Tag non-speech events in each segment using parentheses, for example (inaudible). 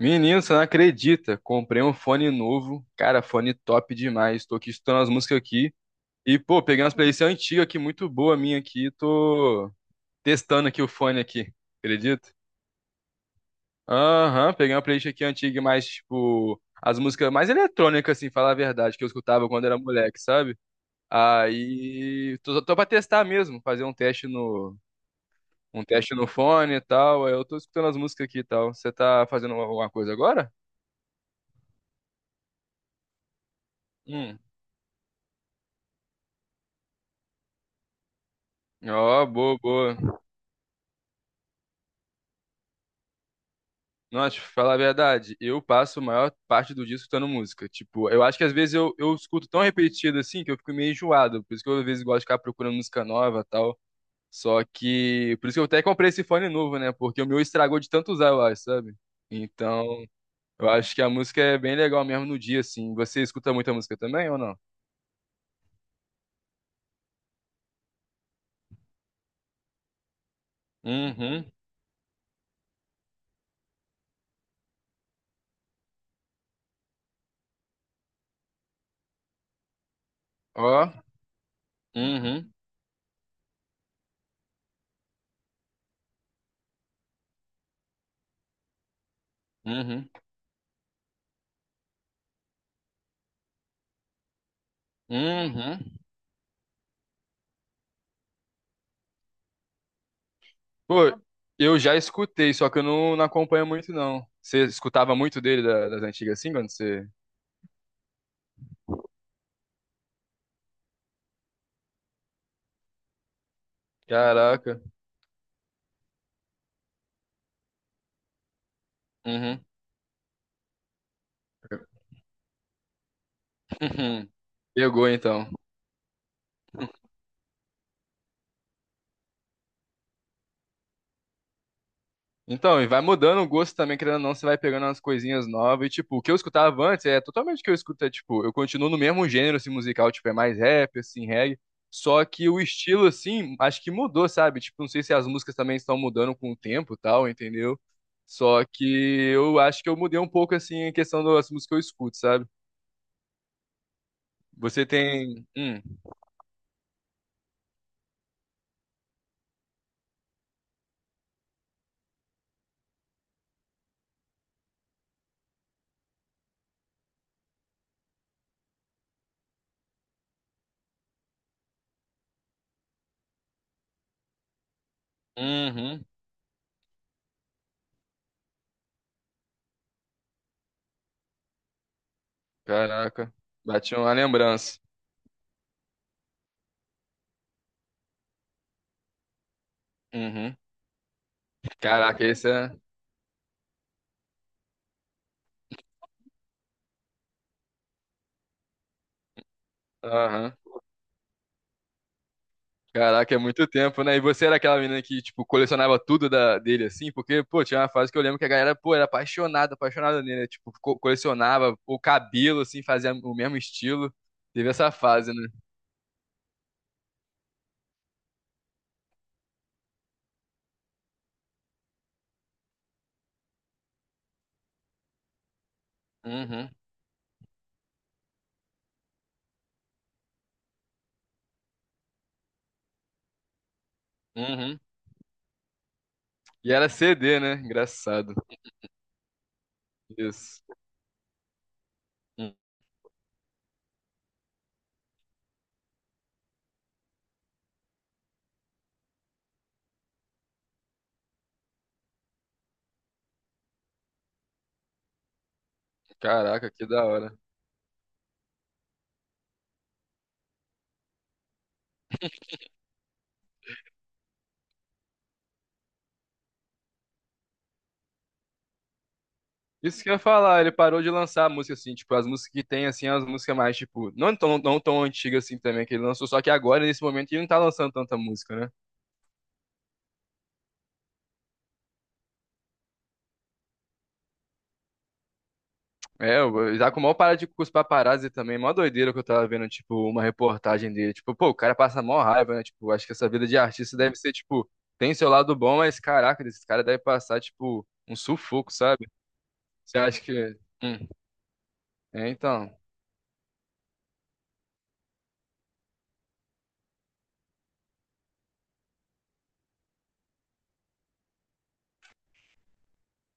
Menino, você não acredita? Comprei um fone novo. Cara, fone top demais. Tô aqui escutando as músicas aqui. E, pô, peguei umas playlists antigas aqui, muito boa minha aqui. Tô testando aqui o fone aqui. Acredita? Aham, peguei uma playlist aqui antiga, mais, tipo, as músicas mais eletrônicas, assim, falar a verdade, que eu escutava quando era moleque, sabe? Aí, tô pra testar mesmo, fazer um teste no fone e tal. Aí eu tô escutando as músicas aqui e tal. Você tá fazendo alguma coisa agora? Hum. Ó, boa, boa. Nossa, te falar a verdade, eu passo a maior parte do dia escutando música. Tipo, eu acho que às vezes eu escuto tão repetido assim que eu fico meio enjoado. Por isso que eu às vezes gosto de ficar procurando música nova e tal. Só que. Por isso que eu até comprei esse fone novo, né? Porque o meu estragou de tanto usar, eu acho, sabe? Então, eu acho que a música é bem legal mesmo no dia, assim. Você escuta muita música também ou não? Uhum. Ó. Uhum. Uhum. Uhum. Pô, eu já escutei, só que eu não acompanho muito, não. Você escutava muito dele da- das antigas assim, quando você. Caraca. Uhum. (laughs) Pegou então. Então, e vai mudando o gosto também, querendo ou não, você vai pegando umas coisinhas novas. E, tipo, o que eu escutava antes é totalmente o que eu escuto. É, tipo, eu continuo no mesmo gênero, assim, musical, tipo, é mais rap, assim, reggae. Só que o estilo, assim, acho que mudou, sabe? Tipo, não sei se as músicas também estão mudando com o tempo e tal, entendeu? Só que eu acho que eu mudei um pouco, assim, em questão das músicas que eu escuto, sabe? Você tem. Uhum, caraca. Bati uma lembrança. Uhum. Caraca, esse é. Aham. Caraca, é muito tempo, né? E você era aquela menina que, tipo, colecionava tudo da, dele, assim? Porque, pô, tinha uma fase que eu lembro que a galera, pô, era apaixonada, apaixonada nele, né? Tipo, co- colecionava o cabelo, assim, fazia o mesmo estilo. Teve essa fase, né? Uhum, uhum. E era CD, né? Engraçado. Isso. Hum, caraca, que da hora. Isso que eu ia falar, ele parou de lançar música, assim, tipo, as músicas que tem, assim, as músicas mais, tipo, não tão antigas, assim, também, que ele lançou, só que agora, nesse momento, ele não tá lançando tanta música, né? É, o Isaac mal para de curso paparazzi também, mó doideira que eu tava vendo, tipo, uma reportagem dele. Tipo, pô, o cara passa mó raiva, né? Tipo, acho que essa vida de artista deve ser, tipo, tem seu lado bom, mas caraca, esse cara deve passar, tipo, um sufoco, sabe? Você acha que. Hum, é, então.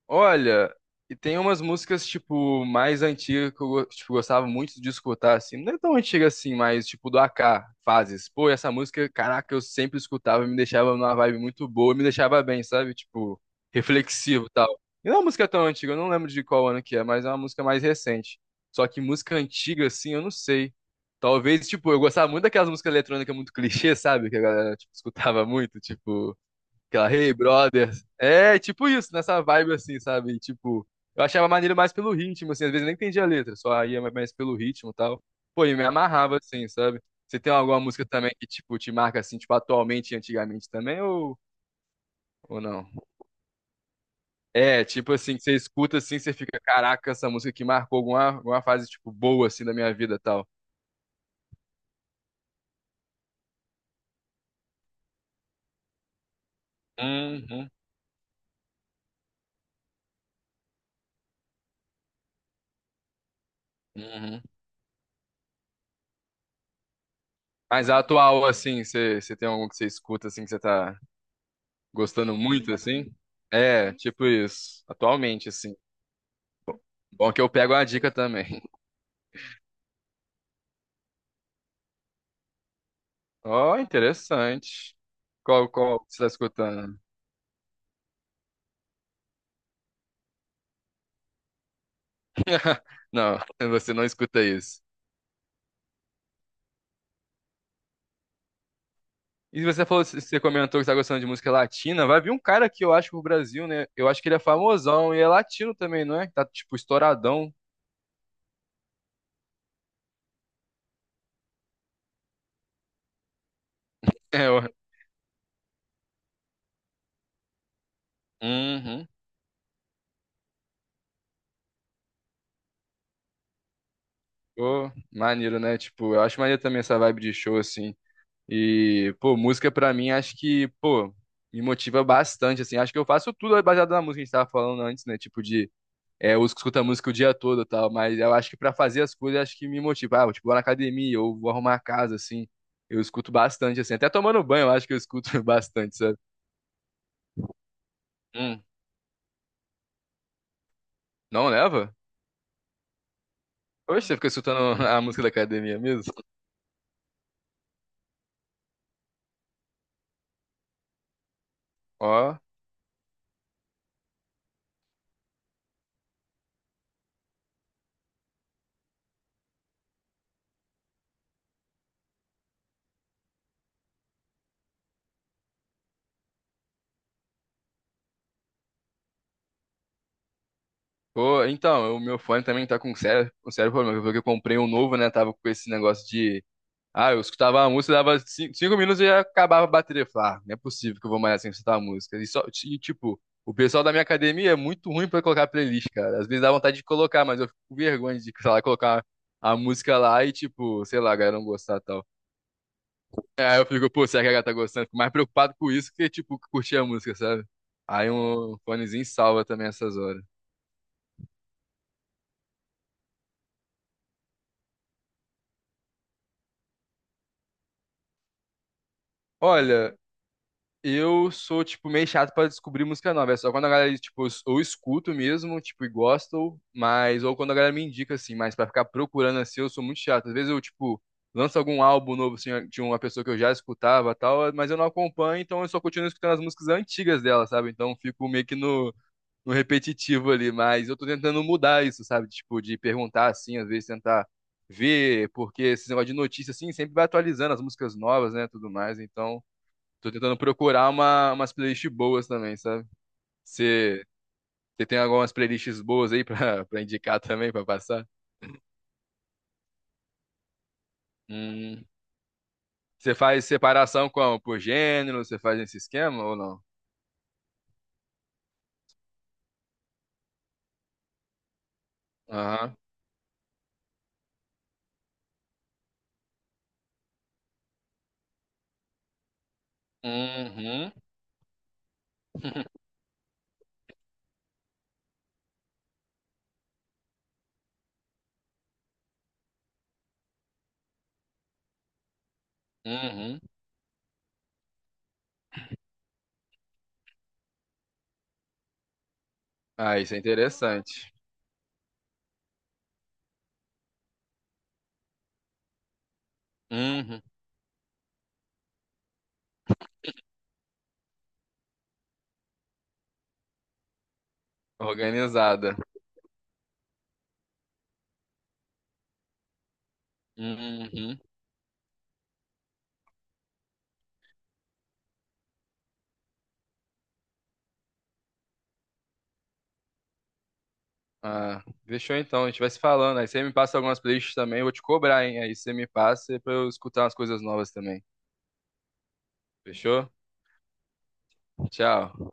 Olha, e tem umas músicas, tipo, mais antigas que eu go- tipo, gostava muito de escutar, assim. Não é tão antiga assim, mas, tipo, do AK, Fases. Pô, essa música, caraca, eu sempre escutava, me deixava numa vibe muito boa, me deixava bem, sabe? Tipo, reflexivo e tal. E não é uma música tão antiga, eu não lembro de qual ano que é, mas é uma música mais recente. Só que música antiga, assim, eu não sei. Talvez, tipo, eu gostava muito daquelas músicas eletrônicas muito clichê, sabe? Que a galera, tipo, escutava muito, tipo. Aquela, hey, brother. É, tipo isso, nessa vibe assim, sabe? E, tipo, eu achava maneiro mais pelo ritmo, assim, às vezes eu nem entendia a letra, só ia mais pelo ritmo e tal. Pô, e me amarrava, assim, sabe? Você tem alguma música também que, tipo, te marca, assim, tipo, atualmente e antigamente também, ou não? É, tipo assim, que você escuta, assim, você fica, caraca, essa música que marcou alguma fase, tipo, boa, assim, da minha vida e tal. Uhum, uhum. Mas a atual, assim, você tem algum que você escuta, assim, que você tá, gostando muito, assim? É, tipo isso. Atualmente, assim. Bom que eu pego a dica também. (laughs) Ó, interessante. Qual que você está escutando? (laughs) Não, você não escuta isso. E você falou, você comentou que está gostando de música latina. Vai vir um cara que eu acho pro Brasil, né? Eu acho que ele é famosão e é latino também, não é? Tá, tipo, estouradão. (laughs) É, eu... Uhum. Pô, maneiro, né? Tipo, eu acho maneiro também essa vibe de show, assim. E, pô, música pra mim acho que, pô, me motiva bastante, assim. Acho que eu faço tudo baseado na música que a gente tava falando antes, né? Tipo de, é, eu escuto a música o dia todo e tal, mas eu acho que pra fazer as coisas, acho que me motiva. Ah, tipo, vou na academia ou vou arrumar a casa, assim. Eu escuto bastante, assim. Até tomando banho, eu acho que eu escuto (laughs) bastante, sabe? Hum, não leva? Oxe, você fica escutando a música da academia mesmo? Ó. Pô, então, o meu fone também tá com sério problema. Eu vi que eu comprei um novo, né? Tava com esse negócio de ah, eu escutava a música, dava cin- cinco, minutos e já acabava a bateria. Eu falava, ah, não é possível que eu vou mais sem escutar a música. E, só, e, tipo, o pessoal da minha academia é muito ruim pra colocar playlist, cara. Às vezes dá vontade de colocar, mas eu fico com vergonha de, sei lá, colocar a música lá e, tipo, sei lá, a galera não gostar e tal. Aí eu fico, pô, será que a galera tá gostando? Fico mais preocupado com isso que, tipo, curtir a música, sabe? Aí um fonezinho salva também essas horas. Olha, eu sou, tipo, meio chato pra descobrir música nova. É só quando a galera, tipo, eu s- ou escuto mesmo, tipo, e gosto, mas, ou quando a galera me indica, assim, mas pra ficar procurando assim, eu sou muito chato. Às vezes eu, tipo, lanço algum álbum novo, assim, de uma pessoa que eu já escutava e tal, mas eu não acompanho, então eu só continuo escutando as músicas antigas dela, sabe? Então eu fico meio que no repetitivo ali, mas eu tô tentando mudar isso, sabe? Tipo, de perguntar, assim, às vezes tentar ver, porque esse negócio de notícia, assim, sempre vai atualizando as músicas novas, né, tudo mais, então. Tô tentando procurar umas playlists boas também, sabe? Você você tem algumas playlists boas aí pra, (laughs) pra indicar também, pra passar? Hum. Você faz separação como? Por gênero? Você faz esse esquema ou não? Aham. Uhum. Uhum. Ah, isso é interessante. Uhum. Organizada. Uhum. Ah, deixou então, a gente vai se falando. Aí você me passa algumas playlists também, eu vou te cobrar, hein? Aí você me passa pra eu escutar umas coisas novas também. Fechou? Tchau.